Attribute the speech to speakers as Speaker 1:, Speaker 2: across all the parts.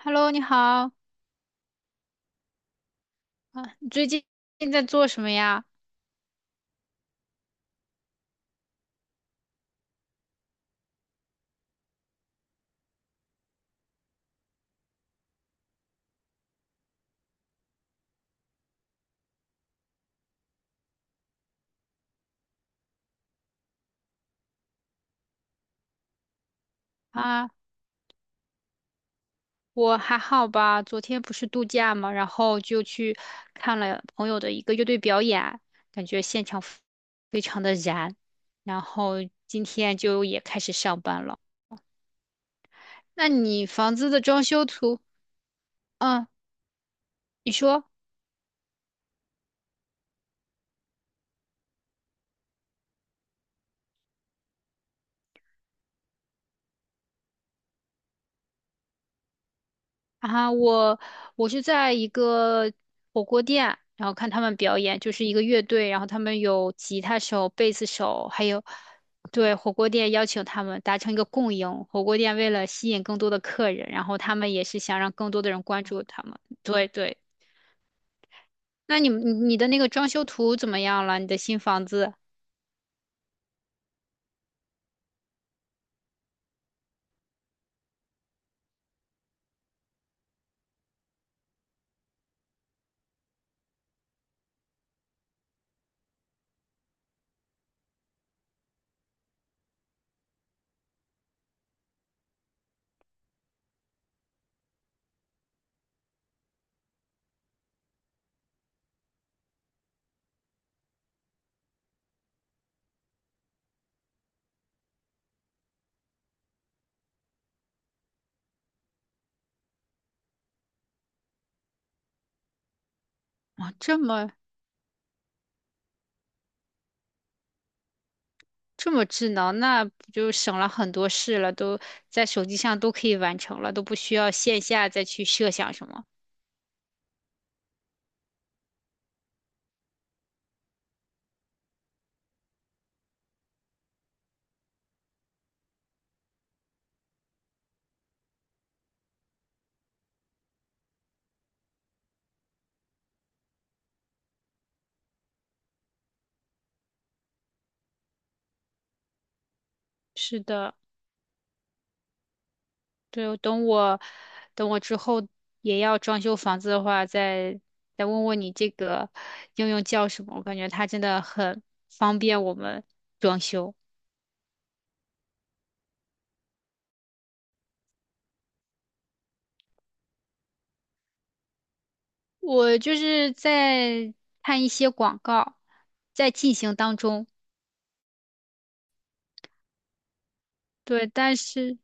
Speaker 1: Hello，你好啊，你最近在做什么呀？啊，我还好吧，昨天不是度假嘛，然后就去看了朋友的一个乐队表演，感觉现场非常的燃，然后今天就也开始上班了。那你房子的装修图，嗯，你说。啊，我是在一个火锅店，然后看他们表演，就是一个乐队，然后他们有吉他手、贝斯手，还有对火锅店邀请他们达成一个共赢。火锅店为了吸引更多的客人，然后他们也是想让更多的人关注他们。对对，那你们你你的那个装修图怎么样了？你的新房子啊，这么智能，那不就省了很多事了，都在手机上都可以完成了，都不需要线下再去设想什么。是的。对，等我之后也要装修房子的话，再问问你这个应用叫什么？我感觉它真的很方便我们装修。我就是在看一些广告，在进行当中。对，但是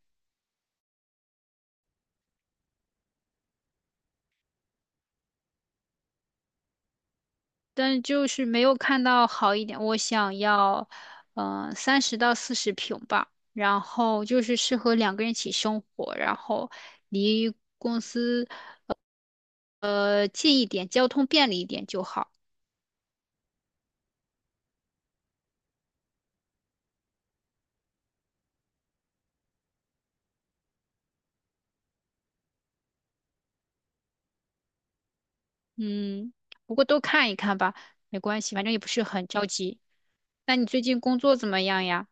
Speaker 1: 但是就是没有看到好一点。我想要，嗯、30到40平吧，然后就是适合两个人一起生活，然后离公司。呃，近一点，交通便利一点就好。嗯，不过都看一看吧，没关系，反正也不是很着急。那你最近工作怎么样呀？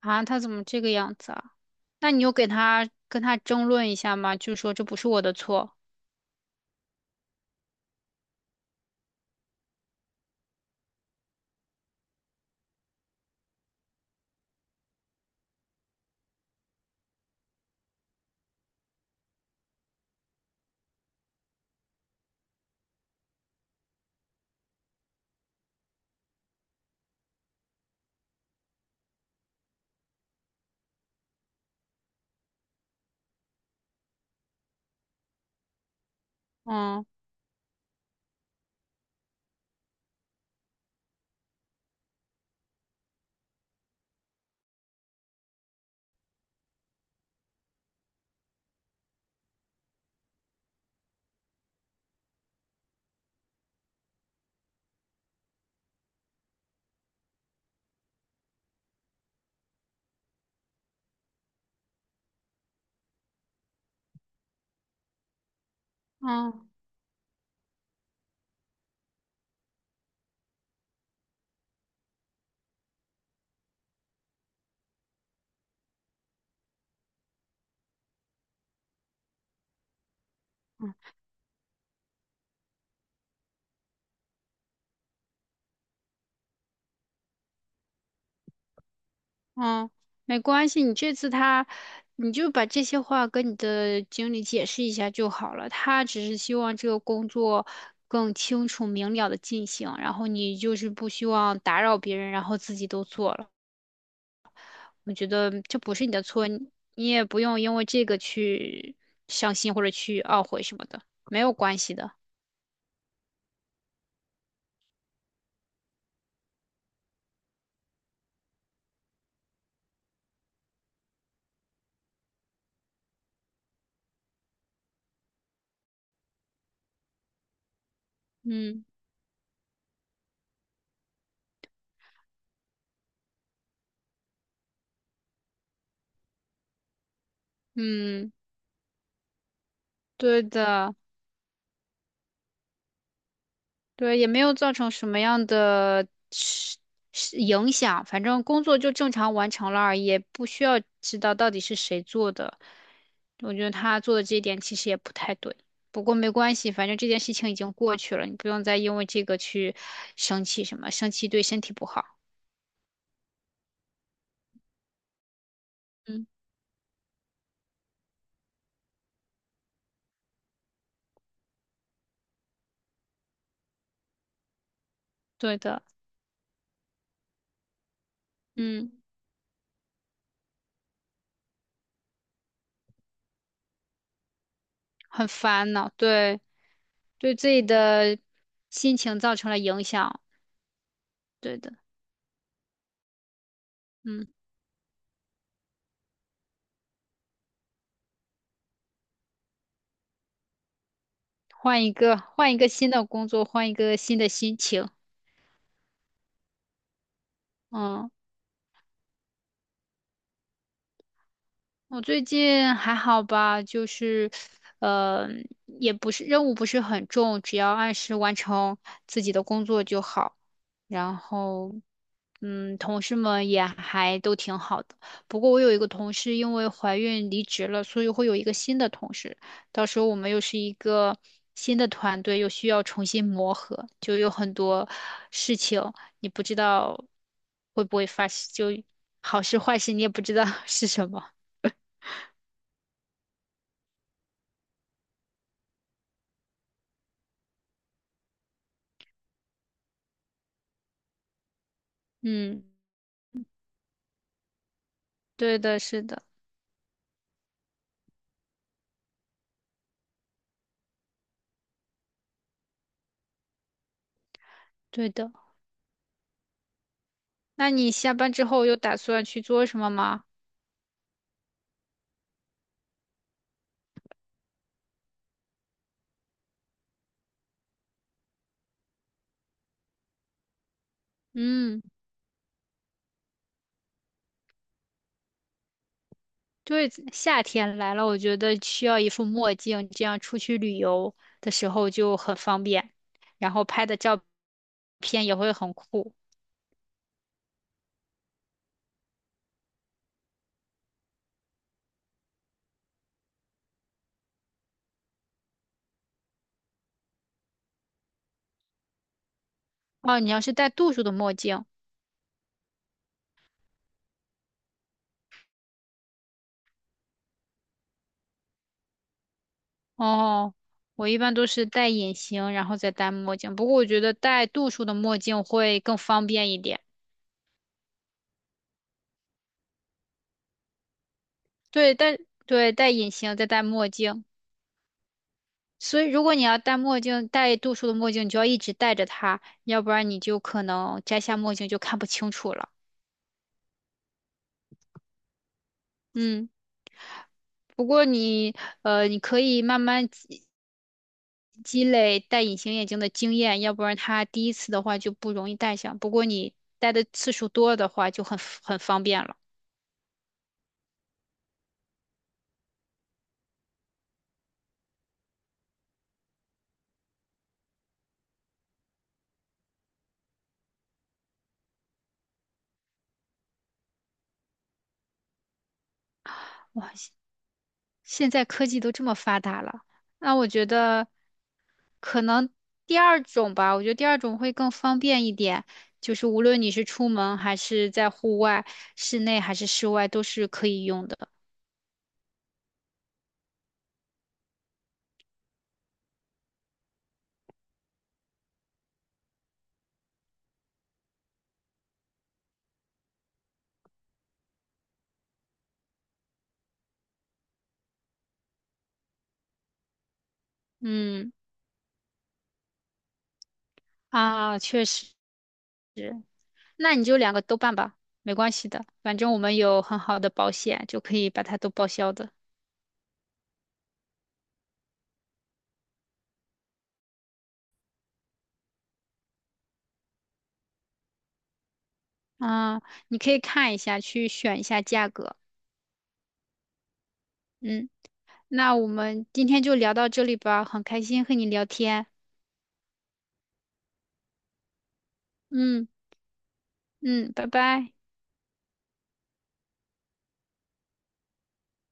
Speaker 1: 啊，他怎么这个样子啊？那你有给他跟他争论一下吗？就说这不是我的错。嗯嗯。嗯，没关系，你这次他，你就把这些话跟你的经理解释一下就好了。他只是希望这个工作更清楚明了的进行，然后你就是不希望打扰别人，然后自己都做了。我觉得这不是你的错，你你也不用因为这个去伤心或者去懊悔什么的，没有关系的。嗯嗯，对的。对，也没有造成什么样的是影响，反正工作就正常完成了而已，也不需要知道到底是谁做的。我觉得他做的这一点其实也不太对，不过没关系，反正这件事情已经过去了，你不用再因为这个去生气什么，生气对身体不好。嗯，对的，嗯，很烦恼，对，对自己的心情造成了影响，对的，嗯，换一个，换一个新的工作，换一个新的心情。嗯，我最近还好吧，就是，呃，也不是任务不是很重，只要按时完成自己的工作就好。然后，嗯，同事们也还都挺好的。不过我有一个同事因为怀孕离职了，所以会有一个新的同事。到时候我们又是一个新的团队，又需要重新磨合，就有很多事情你不知道会不会发生，就好事坏事你也不知道 是什么。嗯，对的，是的，对的。那你下班之后有打算去做什么吗？嗯，对，夏天来了，我觉得需要一副墨镜，这样出去旅游的时候就很方便，然后拍的照片也会很酷。哦，你要是戴度数的墨镜，哦，我一般都是戴隐形，然后再戴墨镜。不过我觉得戴度数的墨镜会更方便一点。对，对，戴隐形再戴墨镜。所以如果你要戴墨镜，戴度数的墨镜，你就要一直戴着它，要不然你就可能摘下墨镜就看不清楚了。嗯，不过你可以慢慢积累戴隐形眼镜的经验，要不然它第一次的话就不容易戴上。不过你戴的次数多的话，就很方便了。现在科技都这么发达了，那我觉得可能第二种吧，我觉得第二种会更方便一点，就是无论你是出门还是在户外，室内还是室外，都是可以用的。嗯，啊，确实，那你就两个都办吧，没关系的，反正我们有很好的保险，就可以把它都报销的。啊，你可以看一下，去选一下价格。嗯，那我们今天就聊到这里吧，很开心和你聊天。嗯。嗯，拜拜。